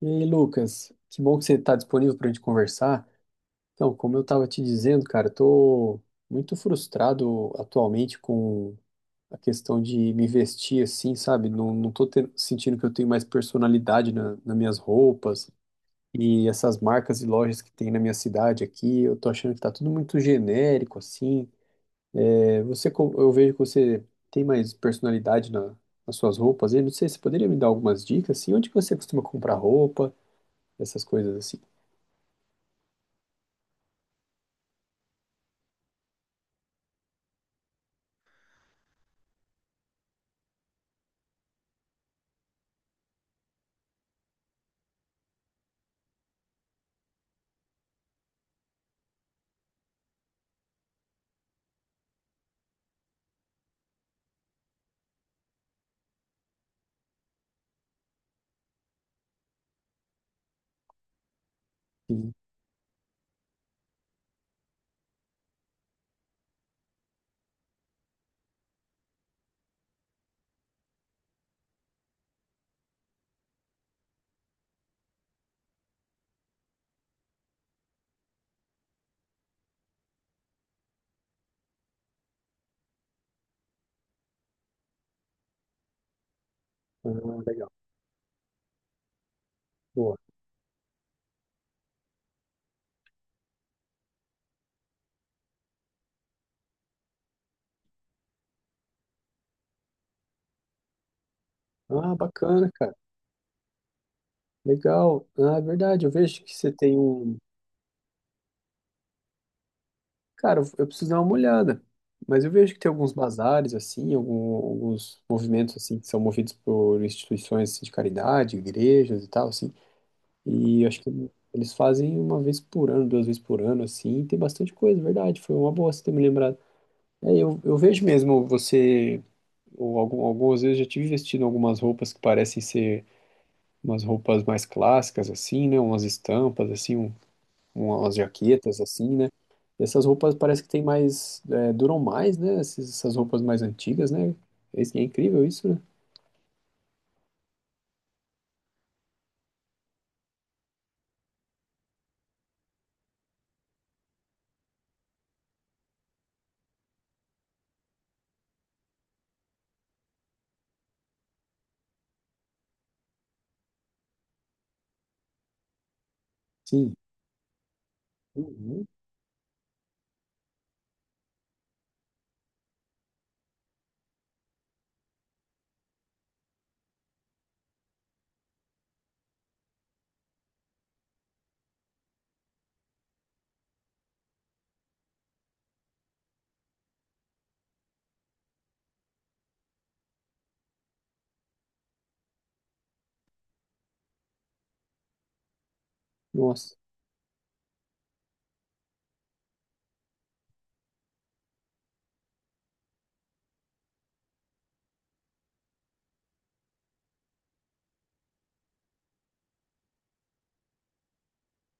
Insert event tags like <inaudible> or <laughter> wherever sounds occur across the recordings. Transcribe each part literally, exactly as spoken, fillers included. E aí, Lucas, que bom que você está disponível para a gente conversar. Então, como eu estava te dizendo, cara, eu tô muito frustrado atualmente com a questão de me vestir assim, sabe? Não, não tô ten- sentindo que eu tenho mais personalidade na, nas minhas roupas e essas marcas e lojas que tem na minha cidade aqui, eu tô achando que tá tudo muito genérico assim. É, você, co- eu vejo que você tem mais personalidade na, nas suas roupas. Eu não sei, você poderia me dar algumas dicas assim? Onde que você costuma comprar roupa, essas coisas assim? Sim. Ah, legal. Boa. Ah, bacana, cara. Legal. Ah, é verdade. Eu vejo que você tem um. Cara, eu eu preciso dar uma olhada. Mas eu vejo que tem alguns bazares, assim, algum- alguns movimentos, assim, que são movidos por instituições assim, de caridade, igrejas e tal, assim. E eu acho que eles fazem uma vez por ano, duas vezes por ano, assim. e Tem bastante coisa, verdade. Foi uma boa você ter me lembrado. É, eu, eu vejo mesmo você. Ou algum, algumas vezes eu já tive vestindo algumas roupas que parecem ser umas roupas mais clássicas assim, né? Umas estampas assim, um- umas jaquetas assim, né? E essas roupas parece que tem mais, é, duram mais, né? Essas, essas roupas mais antigas, né? Isso é incrível isso, né? Sim. Uhum. Nossa.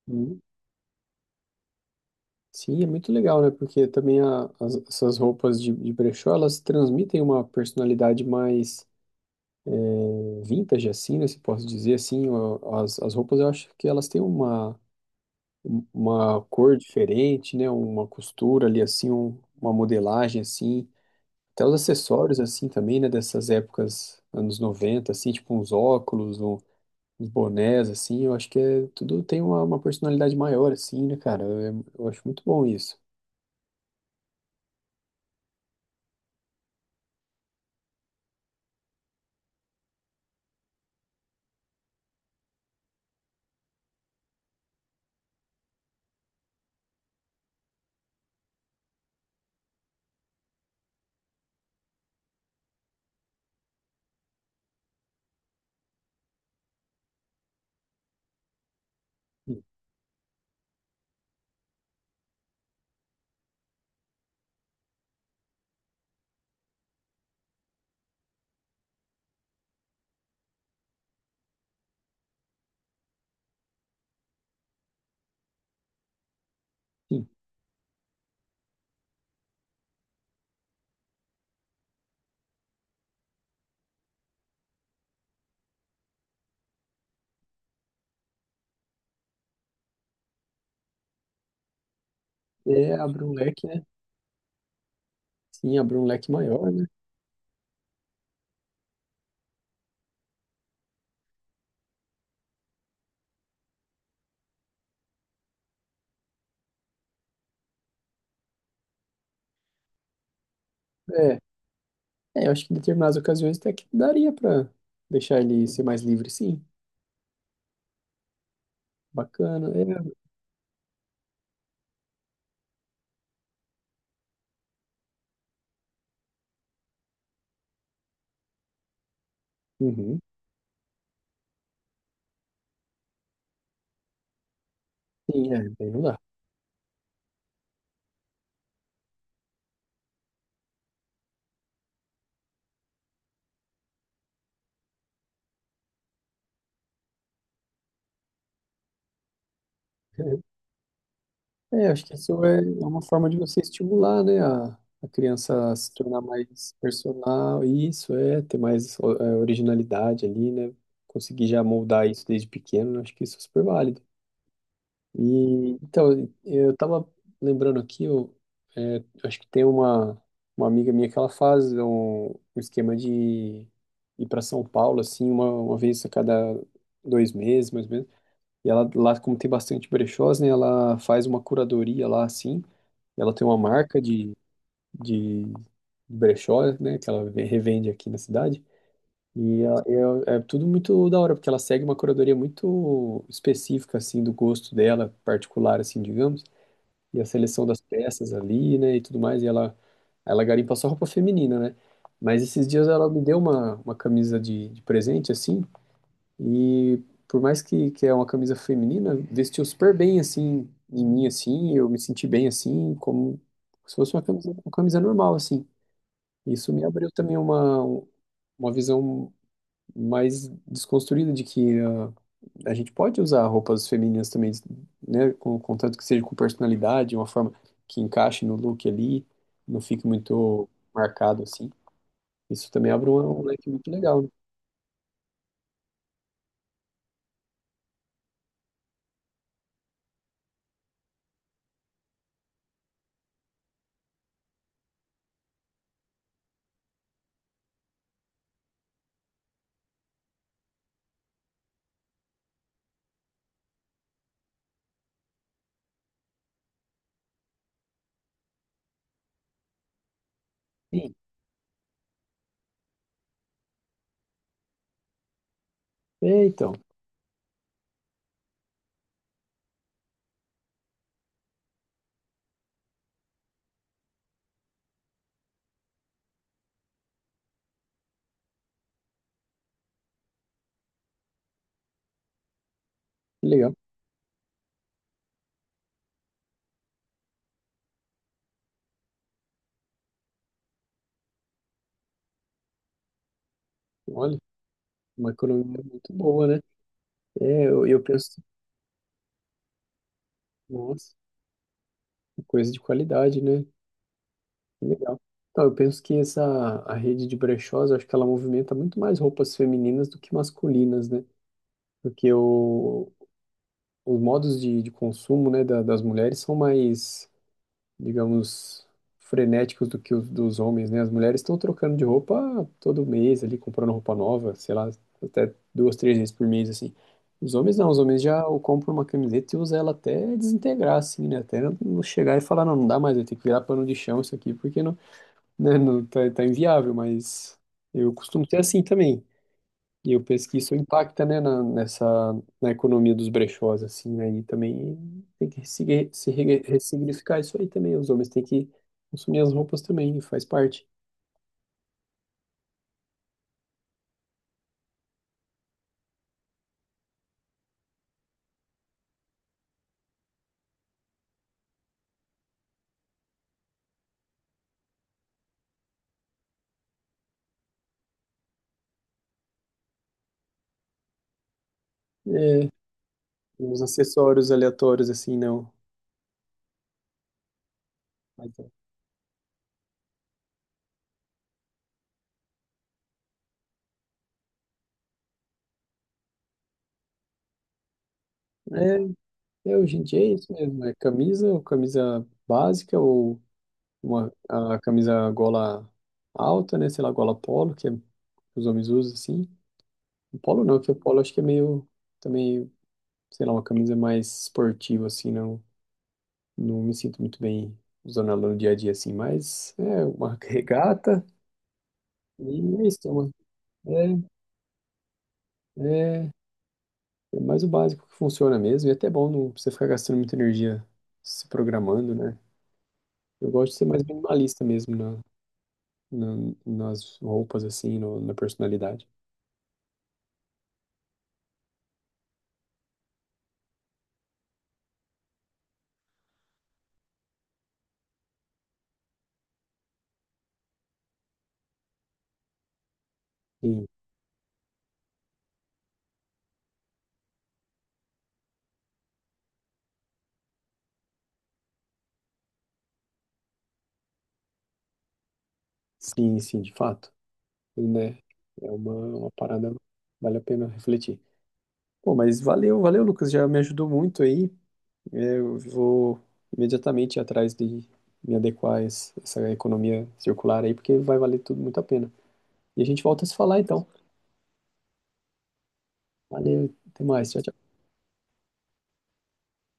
Uhum. Sim, é muito legal, né? Porque também a- as- essas roupas de, de brechó, elas transmitem uma personalidade mais eh, vintage, assim, né? Se posso dizer assim, ó, as, as roupas eu acho que elas têm uma um- uma cor diferente, né? Uma costura ali assim, um- uma modelagem assim, até os acessórios assim também, né? Dessas épocas, anos noventa assim, tipo uns óculos, um- uns bonés assim, eu acho que é, tudo tem uma, uma personalidade maior assim, né, cara? Eu, eu acho muito bom isso. Sim, é, abre um leque, né? Sim, abre um leque maior, né? É, é, eu acho que em determinadas ocasiões até que daria pra deixar ele ser mais livre, sim. Bacana, é. Uhum. Sim, é, daí não dá. É, acho que isso é é uma forma de você estimular, né, a, a criança a se tornar mais personal, e isso é, ter mais o- é, originalidade ali, né, conseguir já moldar isso desde pequeno, acho que isso é super válido. E, então, eu tava lembrando aqui, eu é, acho que tem uma, uma amiga minha que ela faz um, um esquema de ir para São Paulo, assim, uma, uma vez a cada dois meses, mais ou menos, e ela lá, como tem bastante brechós, né, ela faz uma curadoria lá, assim, ela tem uma marca de, de brechó, né? Que ela ve- revende aqui na cidade. E ela- é, é tudo muito da hora, porque ela segue uma curadoria muito específica, assim, do gosto dela, particular, assim, digamos. E a seleção das peças ali, né? E tudo mais. E ela, ela garimpa só roupa feminina, né? Mas esses dias ela me deu uma, uma camisa de, de presente, assim. E por mais que, que é uma camisa feminina, vestiu super bem assim em mim assim, eu me senti bem assim, como se fosse uma camisa, uma camisa normal assim. Isso me abriu também uma uma visão mais desconstruída de que ah, a gente pode usar roupas femininas também, né, com contanto que seja com personalidade, uma forma que encaixe no look ali, não fique muito marcado assim. Isso também abre um, um leque muito legal, né? Sim. É, então, que legal. Olha. Uma economia muito boa, né? É, eu, eu penso, nossa, que coisa de qualidade, né? Que legal. Então, eu penso que essa a rede de brechós, eu acho que ela movimenta muito mais roupas femininas do que masculinas, né? Porque o, os modos de, de consumo, né, da- das mulheres são mais digamos, frenéticos do que os dos homens, né? As mulheres estão trocando de roupa todo mês ali, comprando roupa nova, sei lá, até duas, três vezes por mês, assim. Os homens não, os homens já compram uma camiseta e usam ela até desintegrar, assim, né? Até não chegar e falar, não, não dá mais, eu tenho que virar pano de chão isso aqui, porque não, né, não tá, tá inviável, mas eu costumo ser assim também. E eu penso que isso impacta, né, na, nessa, na economia dos brechós, assim, né, e também tem que ressig- se re- ressignificar isso aí também, os homens têm que consumir as roupas também, faz parte. É, os acessórios aleatórios, assim, não. Mas, é, é, hoje em dia é isso mesmo, é camisa, ou camisa básica, ou uma, a camisa gola alta, né, sei lá, gola polo, que é, os homens usam, assim. O polo não, que o polo acho que é meio, também, sei lá, uma camisa mais esportiva, assim, não. Não me sinto muito bem usando ela no dia a dia assim, mas é uma <laughs> regata e é isso. É, uma- é, é é mais o básico que funciona mesmo. E é até bom não precisa ficar gastando muita energia se programando, né? Eu gosto de ser mais minimalista mesmo na, na- nas roupas, assim, no- na personalidade. Sim, sim, sim, de fato. E, né? É uma, uma parada, vale a pena refletir. Pô, mas valeu, valeu, Lucas, já me ajudou muito aí. Eu vou imediatamente atrás de me adequar a esse- essa economia circular aí, porque vai valer tudo muito a pena. E a gente volta a se falar então. Valeu, até mais. Tchau,